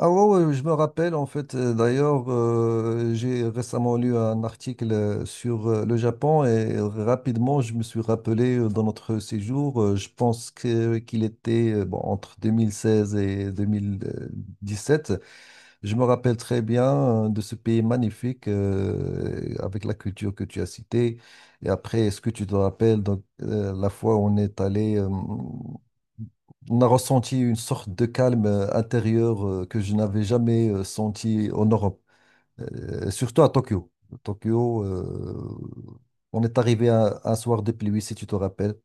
Ah ouais, ouais, je me rappelle en fait. D'ailleurs, j'ai récemment lu un article sur le Japon et rapidement, je me suis rappelé dans notre séjour. Je pense que qu'il était bon, entre 2016 et 2017. Je me rappelle très bien de ce pays magnifique avec la culture que tu as citée. Et après, est-ce que tu te rappelles donc, la fois où on est allé, on a ressenti une sorte de calme intérieur que je n'avais jamais senti en Europe, surtout à Tokyo. Tokyo, on est arrivé un soir de pluie, si tu te rappelles.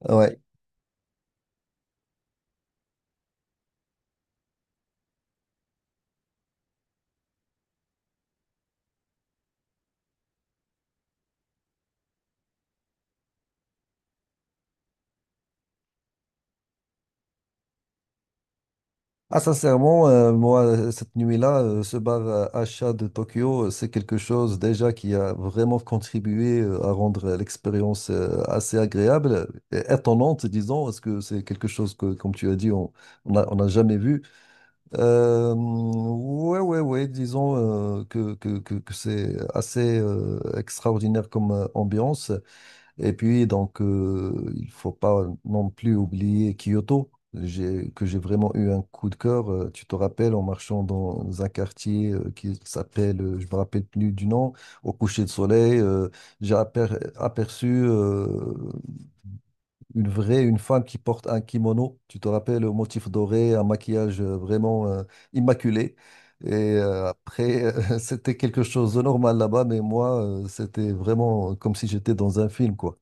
Ouais. Ah, sincèrement, moi, cette nuit-là, ce bar Acha de Tokyo, c'est quelque chose déjà qui a vraiment contribué à rendre l'expérience assez agréable, et étonnante, disons, parce que c'est quelque chose que, comme tu as dit, on n'a jamais vu. Ouais, ouais, ouais, disons que c'est assez extraordinaire comme ambiance. Et puis, donc, il faut pas non plus oublier Kyoto, que j'ai vraiment eu un coup de cœur. Tu te rappelles, en marchant dans un quartier qui s'appelle, je me rappelle plus du nom, au coucher de soleil, j'ai aperçu une femme qui porte un kimono. Tu te rappelles, au motif doré, un maquillage vraiment immaculé. Et après, c'était quelque chose de normal là-bas, mais moi, c'était vraiment comme si j'étais dans un film, quoi.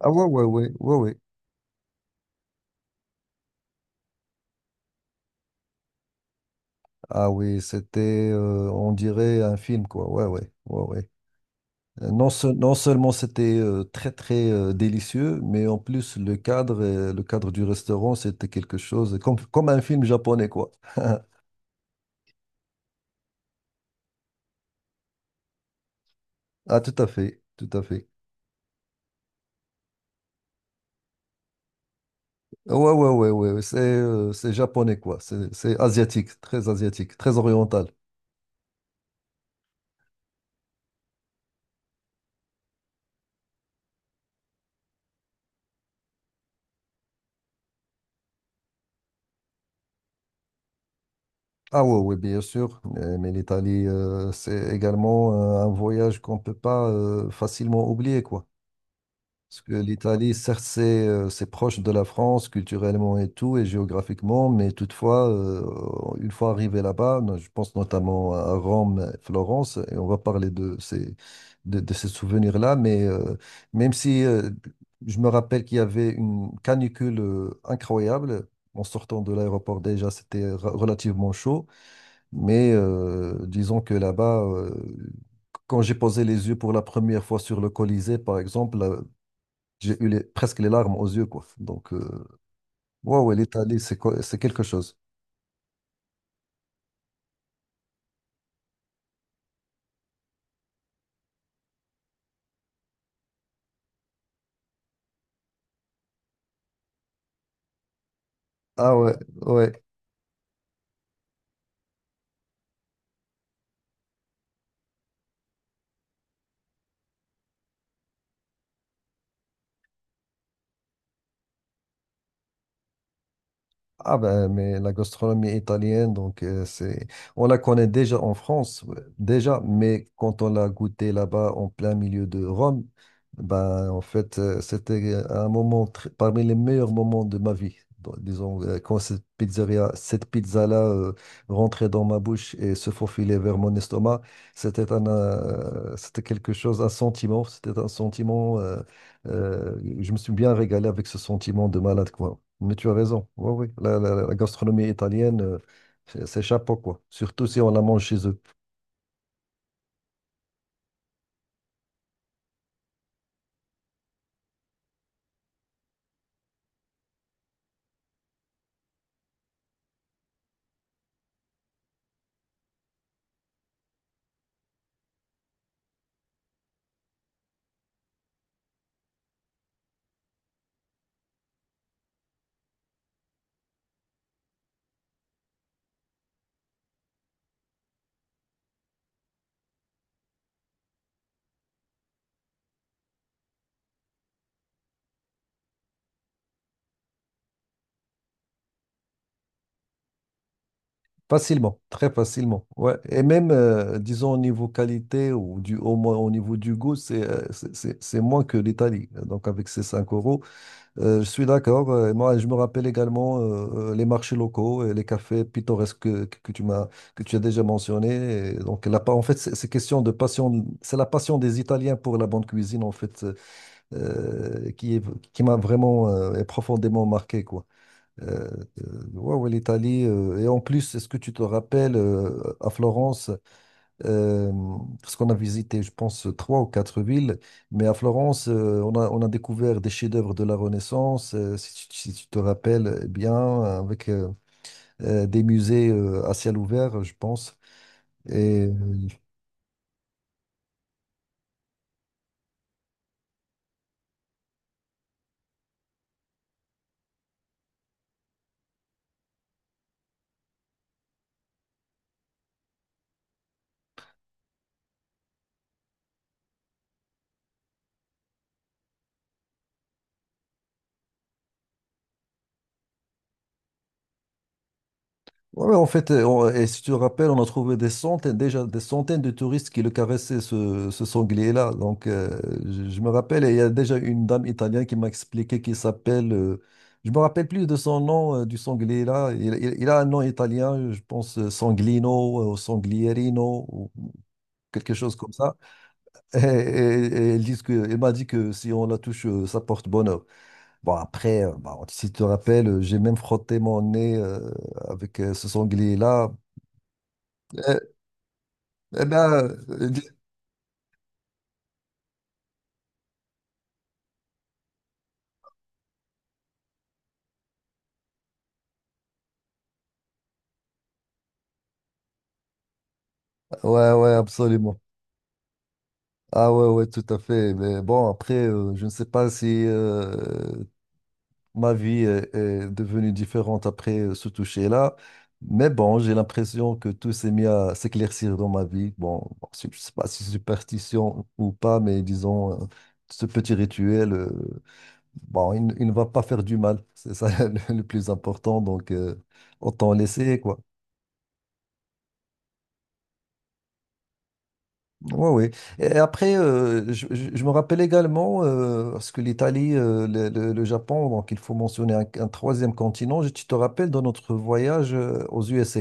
Ah ouais, ouais, ouais, ouais, ouais. Ah oui, c'était, on dirait, un film, quoi. Ouais, ouais, ouais, ouais. Non, non seulement c'était très, très délicieux, mais en plus, le cadre, le cadre du restaurant, c'était quelque chose comme un film japonais, quoi. Ah, tout à fait, tout à fait. Ouais, ouais, ouais, ouais, ouais, ouais, c'est japonais, quoi. C'est asiatique, très oriental. Ah ouais, ouais, bien sûr. Mais l'Italie, c'est également un voyage qu'on ne peut pas facilement oublier, quoi. Parce que l'Italie, certes, c'est proche de la France culturellement et tout, et géographiquement, mais toutefois, une fois arrivé là-bas, je pense notamment à Rome, Florence, et on va parler de ces souvenirs-là, mais même si je me rappelle qu'il y avait une canicule incroyable, en sortant de l'aéroport déjà, c'était relativement chaud, mais disons que là-bas, quand j'ai posé les yeux pour la première fois sur le Colisée, par exemple, là, j'ai eu presque les larmes aux yeux, quoi. Donc, ouais, ouais, l'Italie, c'est quelque chose. Ah ouais, ouais. Ah ben, mais la gastronomie italienne, donc on la connaît déjà en France, ouais, déjà, mais quand on l'a goûtée là-bas en plein milieu de Rome, ben en fait c'était un moment parmi les meilleurs moments de ma vie. Donc, disons quand cette pizzeria, cette pizza-là rentrait dans ma bouche et se faufilait vers mon estomac, c'était quelque chose, un sentiment, c'était un sentiment. Je me suis bien régalé avec ce sentiment de malade, quoi. Mais tu as raison. Oui, oui. La gastronomie italienne, c'est chapeau, quoi. Surtout si on la mange chez eux. Facilement, très facilement. Ouais. Et même, disons, au niveau qualité au moins au niveau du goût, c'est moins que l'Italie. Donc, avec ces 5 euros, je suis d'accord. Et moi, je me rappelle également les marchés locaux et les cafés pittoresques que tu as déjà mentionné. Et donc, en fait, c'est question de passion. C'est la passion des Italiens pour la bonne cuisine, en fait, qui m'a vraiment et profondément marqué, quoi. Euh, ouais, ouais, l'Italie. Et en plus, est-ce que tu te rappelles à Florence? Euh, Parce qu'on a visité, je pense, trois ou quatre villes, mais à Florence, on a découvert des chefs-d'œuvre de la Renaissance, si tu te rappelles eh bien, avec des musées à ciel ouvert, je pense. Et ouais, ouais, en fait, et si tu te rappelles, on a trouvé déjà des centaines de touristes qui le caressaient, ce sanglier-là. Donc, je me rappelle, et il y a déjà une dame italienne qui m'a expliqué qu'il s'appelle, je me rappelle plus de son nom, du sanglier-là. Il a un nom italien, je pense Sanglino ou Sanglierino ou quelque chose comme ça. Et il m'a dit que si on la touche, ça porte bonheur. Bon, après, bah, si tu te rappelles, j'ai même frotté mon nez avec ce sanglier-là. Euh, Eh bien, ouais, ouais, absolument. Ah ouais, ouais, tout à fait. Mais bon, après, je ne sais pas si ma vie est devenue différente après ce toucher-là. Mais bon, j'ai l'impression que tout s'est mis à s'éclaircir dans ma vie. Bon, bon, je ne sais pas si c'est superstition ou pas, mais disons, ce petit rituel, bon, il ne va pas faire du mal. C'est ça le plus important. Donc, autant laisser, quoi. Ouais, ouais. Et après, je me rappelle également, parce que l'Italie, le Japon, donc il faut mentionner un troisième continent. Tu te rappelles de notre voyage aux USA.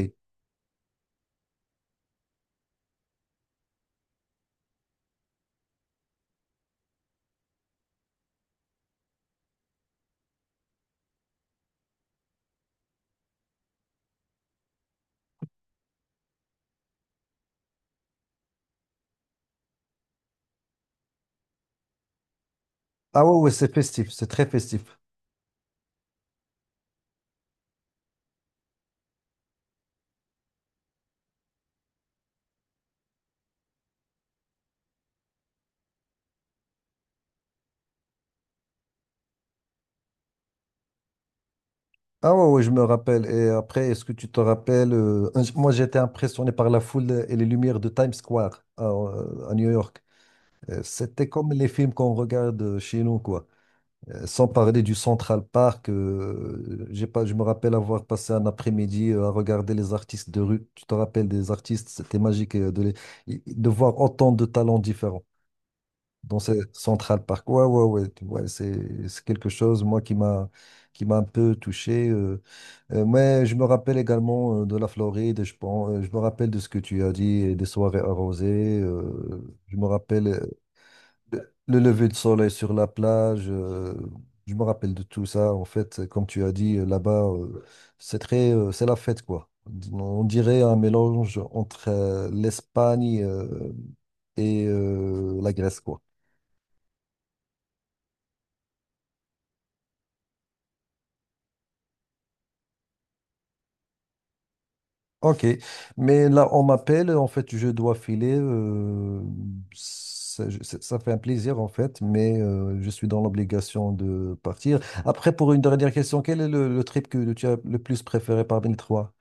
Ah ouais, ouais, c'est festif, c'est très festif. Ah ouais, ouais, je me rappelle. Et après, est-ce que tu te rappelles, moi j'étais impressionné par la foule et les lumières de Times Square à New York. C'était comme les films qu'on regarde chez nous, quoi. Sans parler du Central Park, j'ai pas, je me rappelle avoir passé un après-midi à regarder les artistes de rue. Tu te rappelles des artistes, c'était magique de voir autant de talents différents dans ce Central Park. Ouais, ouais, ouais, ouais, c'est quelque chose, moi, qui m'a un peu touché. Mais je me rappelle également de la Floride, je pense, je me rappelle de ce que tu as dit, et des soirées arrosées. Je me rappelle le lever de soleil sur la plage, je me rappelle de tout ça. En fait, comme tu as dit, là-bas, c'est la fête, quoi. On dirait un mélange entre l'Espagne et la Grèce, quoi. Ok, mais là, on m'appelle, en fait, je dois filer. Ça fait un plaisir, en fait, mais je suis dans l'obligation de partir. Après, pour une dernière question, quel est le trip que tu as le plus préféré parmi les trois?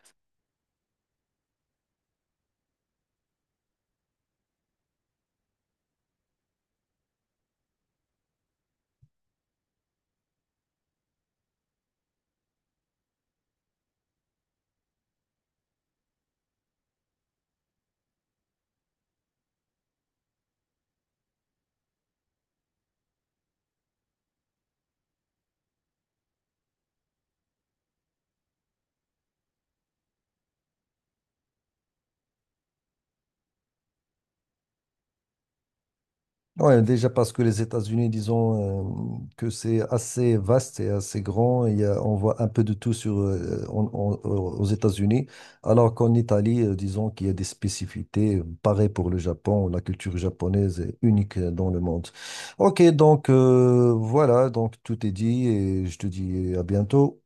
Ouais, déjà parce que les États-Unis, disons que c'est assez vaste et assez grand, on voit un peu de tout aux États-Unis, alors qu'en Italie, disons qu'il y a des spécificités, pareil pour le Japon, la culture japonaise est unique dans le monde. Ok, donc voilà, donc tout est dit et je te dis à bientôt.